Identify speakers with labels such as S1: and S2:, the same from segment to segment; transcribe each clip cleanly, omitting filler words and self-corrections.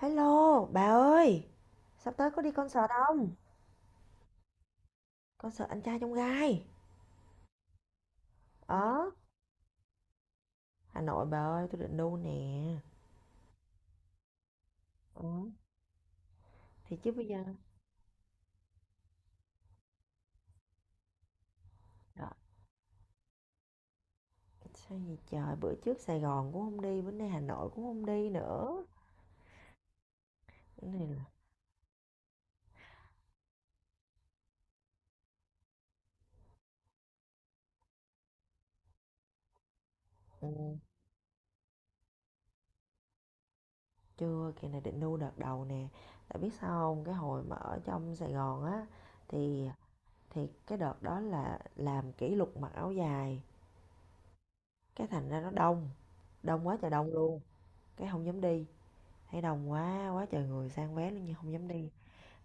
S1: Hello, bà ơi, sắp tới có đi concert không? Concert anh trai trong gai. Ở Hà Nội bà ơi, tôi định đu nè. Ừ. Thì chứ bây giờ. Đó. Sao gì trời, bữa trước Sài Gòn cũng không đi, bữa nay Hà Nội cũng không đi nữa. Cái này là ừ, chưa, kỳ này định đu đợt đầu nè. Tại biết sao không, cái hồi mà ở trong Sài Gòn á thì thì cái đợt đó là làm kỷ lục mặc áo dài, cái thành ra nó đông, đông quá trời đông luôn, cái không dám đi, thấy đông quá quá trời người sang vé luôn nhưng không dám đi,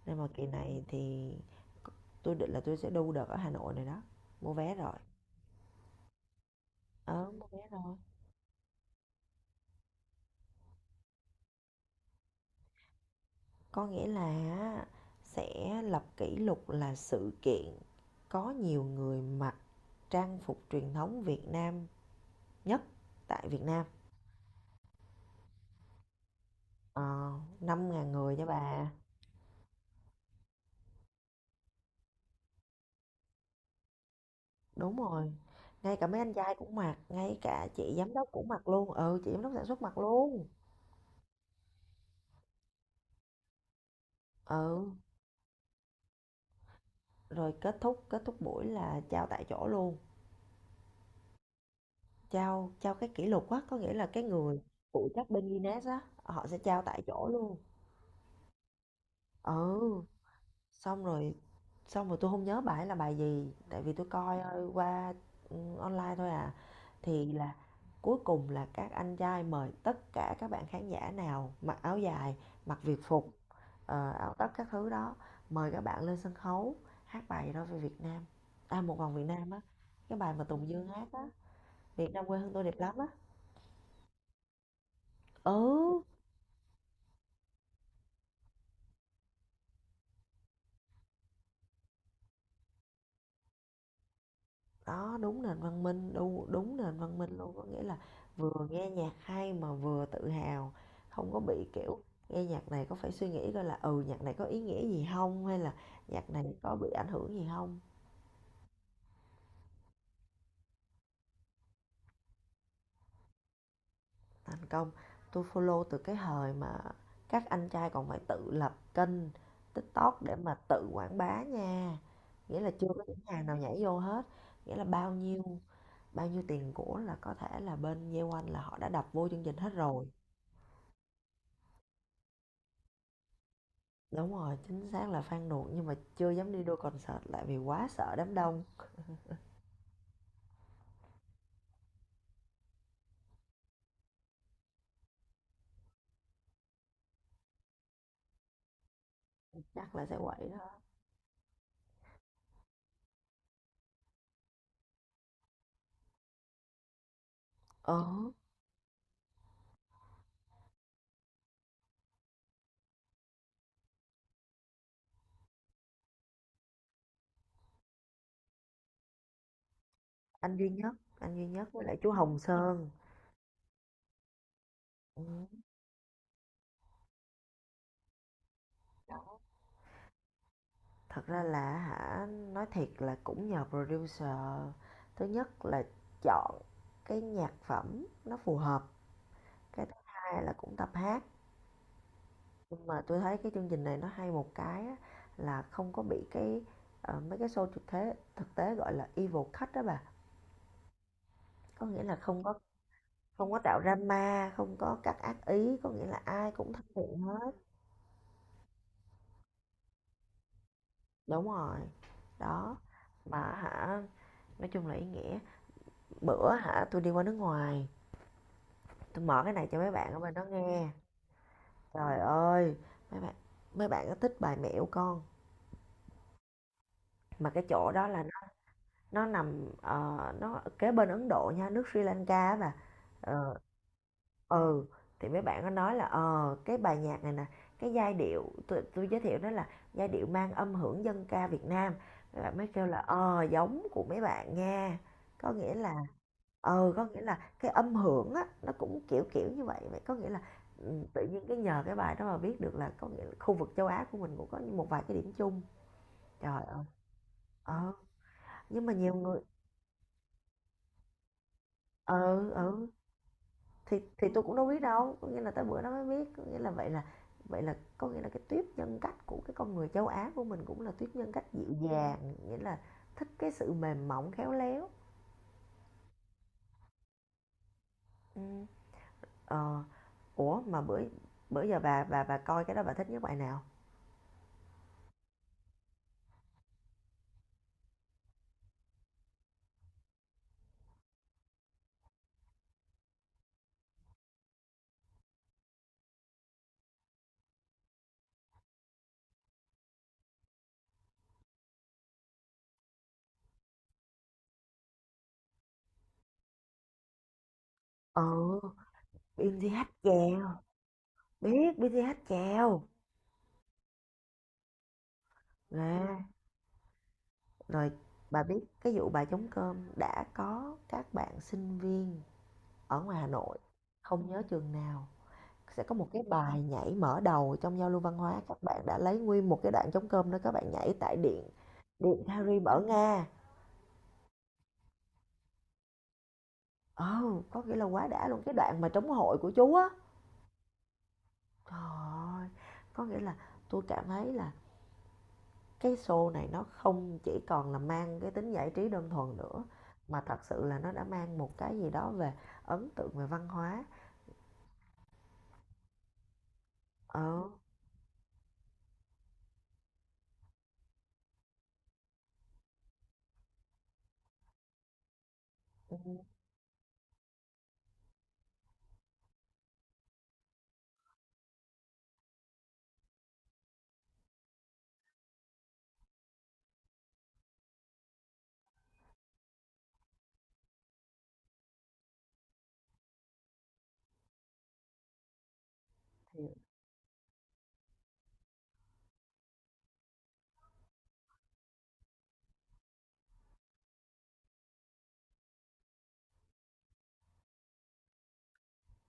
S1: nên mà kỳ này thì tôi định là tôi sẽ đu đợt ở Hà Nội này đó, mua vé rồi. Ờ Mua vé rồi. Có nghĩa là á, sẽ lập kỷ lục là sự kiện có nhiều người mặc trang phục truyền thống Việt Nam nhất tại Việt Nam. ờ, 5.000 người nha bà. Đúng rồi, ngay cả mấy anh trai cũng mặc, ngay cả chị giám đốc cũng mặc luôn, ừ, chị giám đốc sản xuất mặc luôn. Ừ, rồi kết thúc buổi là trao tại chỗ luôn. Trao trao cái kỷ lục á, có nghĩa là cái người phụ trách bên Guinness á, họ sẽ trao tại chỗ luôn. Ừ, xong rồi xong rồi tôi không nhớ bài là bài gì, tại vì tôi coi qua ừ, online thôi à. Thì là cuối cùng là các anh trai mời tất cả các bạn khán giả nào mặc áo dài, mặc việt phục, áo tất các thứ đó, mời các bạn lên sân khấu hát bài đó về Việt Nam. À, một vòng Việt Nam á, cái bài mà Tùng Dương hát á, Việt Nam quê hương tôi đẹp lắm á. Ừ. Đó, đúng nền văn minh, đu đúng nền văn minh luôn, có nghĩa là vừa nghe nhạc hay mà vừa tự hào, không có bị, kiểu, nghe nhạc này có phải suy nghĩ coi là, ừ, nhạc này có ý nghĩa gì không, hay là nhạc này có bị ảnh hưởng gì không. Thành công, tôi follow từ cái thời mà các anh trai còn phải tự lập kênh TikTok để mà tự quảng bá nha, nghĩa là chưa có những hàng nào nhảy vô hết, nghĩa là bao nhiêu tiền của là có thể là bên Yeowon là họ đã đập vô chương trình hết rồi. Đúng rồi, chính xác là Phan Đuổi nhưng mà chưa dám đi đôi concert lại vì quá sợ đám đông, chắc là sẽ quậy đó. Ờ, anh Duy Nhất, anh Duy Nhất với lại chú Hồng Sơn. Ừ. Thật ra là hả, nói thiệt là cũng nhờ producer. Thứ nhất là chọn cái nhạc phẩm nó phù hợp, cái thứ hai là cũng tập hát. Nhưng mà tôi thấy cái chương trình này nó hay một cái á, là không có bị cái mấy cái show thực tế gọi là evil cut đó bà. Có nghĩa là không có không có tạo drama, không có các ác ý, có nghĩa là ai cũng thân thiện hết. Đúng rồi đó. Mà hả, nói chung là ý nghĩa, bữa hả tôi đi qua nước ngoài, tôi mở cái này cho mấy bạn ở bên đó nghe. Trời ơi, mấy bạn, mấy bạn có thích bài mẹo con, mà cái chỗ đó là nó nằm nó kế bên Ấn Độ nha, nước Sri Lanka á bà. Ờ. Ừ, thì mấy bạn nó nói là, ờ, cái bài nhạc này nè, cái giai điệu tôi giới thiệu đó là giai điệu mang âm hưởng dân ca Việt Nam. Mấy bạn mới kêu là, ờ, giống của mấy bạn nha. Có nghĩa là có nghĩa là cái âm hưởng á, nó cũng kiểu kiểu như vậy. Vậy có nghĩa là, tự nhiên cái nhờ cái bài đó mà biết được là có nghĩa là khu vực châu Á của mình cũng có một vài cái điểm chung. Trời ơi, ờ, nhưng mà nhiều người ừ, ừ. Thì tôi cũng đâu biết đâu, có nghĩa là tới bữa nó mới biết, có nghĩa là vậy là có nghĩa là cái tuyết nhân cách của cái con người châu á của mình cũng là tuyết nhân cách dịu dàng, nghĩa là thích cái sự mềm mỏng khéo léo. Ừ. Ờ, ủa mà bữa bữa giờ bà coi cái đó bà thích nhất bài nào? Ờ, BTH chèo, biết BTH chèo nè. Rồi bà biết cái vụ bà chống cơm đã có các bạn sinh viên ở ngoài Hà Nội, không nhớ trường nào, sẽ có một cái bài nhảy mở đầu trong giao lưu văn hóa, các bạn đã lấy nguyên một cái đoạn trống cơm đó, các bạn nhảy tại điện điện Paris ở Nga. Ờ, có nghĩa là quá đã luôn, cái đoạn mà trống hội của chú á. Trời ơi, có nghĩa là tôi cảm thấy là cái show này nó không chỉ còn là mang cái tính giải trí đơn thuần nữa, mà thật sự là nó đã mang một cái gì đó về ấn tượng về văn hóa. Ờ, ừ.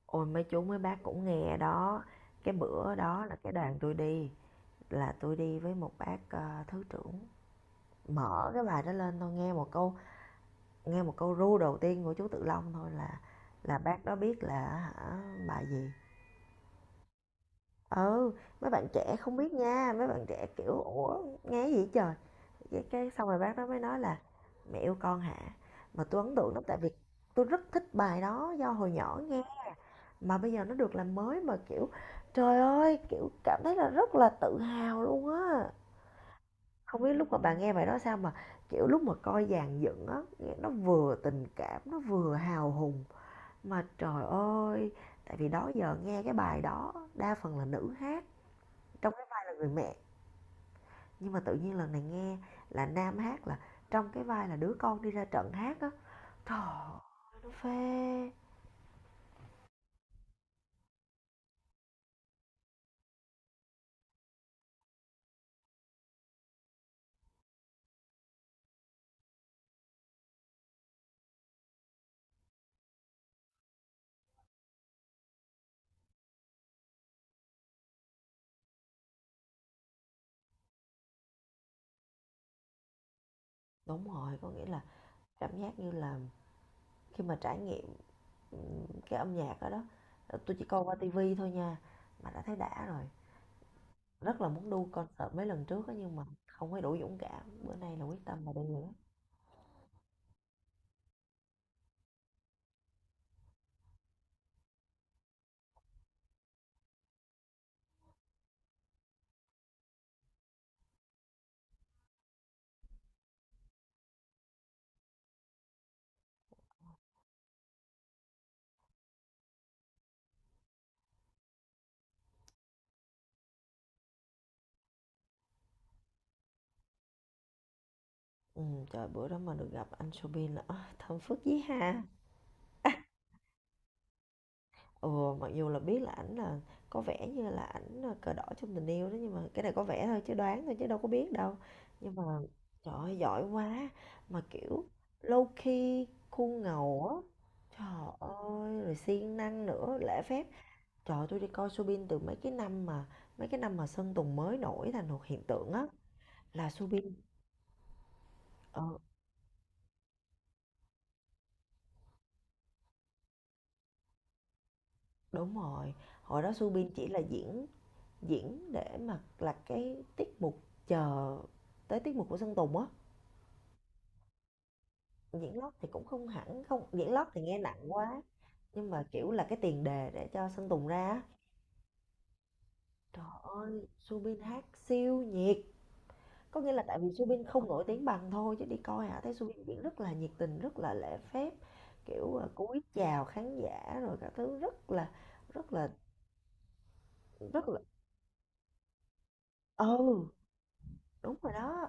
S1: Ôi mấy chú mấy bác cũng nghe đó, cái bữa đó là cái đoàn tôi đi là tôi đi với một bác thứ trưởng, mở cái bài đó lên tôi nghe một câu ru đầu tiên của chú Tự Long thôi là bác đó biết là hả bài gì. Ừ, mấy bạn trẻ không biết nha, mấy bạn trẻ kiểu ủa nghe gì trời. Cái Xong rồi bác đó mới nói là mẹ yêu con hả, mà tôi ấn tượng lắm, tại vì tôi rất thích bài đó do hồi nhỏ nghe, mà bây giờ nó được làm mới, mà kiểu trời ơi, kiểu cảm thấy là rất là tự hào luôn á. Không biết lúc mà bà nghe bài đó sao, mà kiểu lúc mà coi dàn dựng á, nghe nó vừa tình cảm nó vừa hào hùng. Mà trời ơi, tại vì đó giờ nghe cái bài đó đa phần là nữ hát trong cái vai là người mẹ, nhưng mà tự nhiên lần này nghe là nam hát, là trong cái vai là đứa con đi ra trận hát á, trời ơi, nó phê. Đúng rồi, có nghĩa là cảm giác như là khi mà trải nghiệm ừ, cái âm nhạc đó đó, tôi chỉ coi qua tivi thôi nha mà đã thấy đã rồi. Rất là muốn đu concert mấy lần trước á, nhưng mà không có đủ dũng cảm. Bữa nay là quyết tâm mà đi rồi đó. Ừ, trời bữa đó mà được gặp anh Subin là "Ôi, thơm phức dí ha." Ừ, mặc dù là biết là ảnh là có vẻ như là ảnh là cờ đỏ trong tình yêu đó, nhưng mà cái này có vẻ thôi chứ đoán thôi chứ đâu có biết đâu. Nhưng mà trời ơi, giỏi quá, mà kiểu low key khuôn ngầu á. Trời ơi, rồi siêng năng nữa, lễ phép. Trời ơi, tôi đi coi Subin từ mấy cái năm mà Sơn Tùng mới nổi thành một hiện tượng á, là Subin. Ờ, đúng rồi, hồi đó Subin chỉ là diễn, để mà là cái tiết mục chờ tới tiết mục của Sơn Tùng á. Diễn lót thì cũng không hẳn, không diễn lót thì nghe nặng quá, nhưng mà kiểu là cái tiền đề để cho Sơn Tùng ra á. Trời ơi, Subin hát siêu nhiệt, có nghĩa là tại vì Subin không nổi tiếng bằng thôi, chứ đi coi hả thấy Subin diễn rất là nhiệt tình, rất là lễ phép, kiểu cúi chào khán giả rồi các thứ, rất là rất là rất là ừ đúng rồi đó.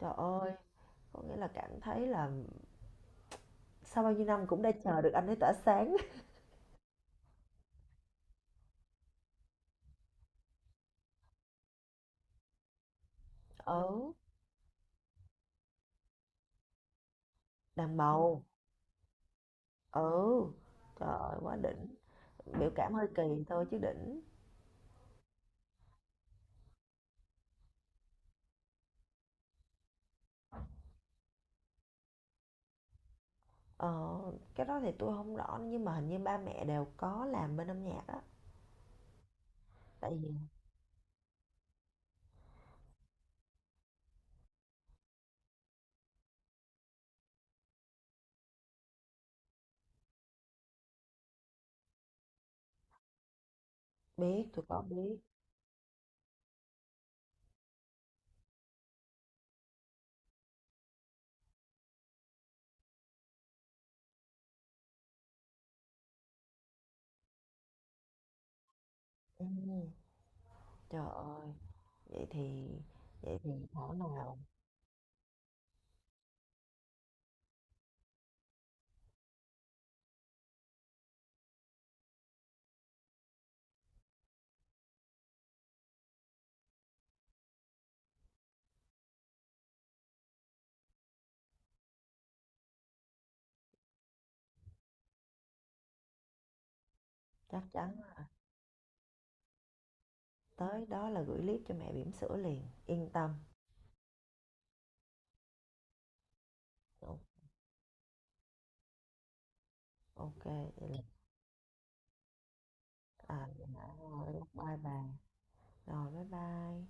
S1: Trời ơi, có nghĩa là cảm thấy là sau bao nhiêu năm cũng đã chờ được anh ấy tỏa sáng. Ừ, đàn bầu, ừ, trời ơi, quá đỉnh, biểu cảm hơi kỳ thôi chứ đỉnh. Ờ, cái đó thì tôi không rõ nhưng mà hình như ba mẹ đều có làm bên âm nhạc á. Tại vì biết, tôi có biết. Ừ, trời ơi, vậy thì vậy thì thảo nào. Chắc chắn, tới đó là gửi clip cho mẹ bỉm sữa liền, yên tâm. Ồ, ok, vậy là à, vậy là bye bye. Rồi bye bye.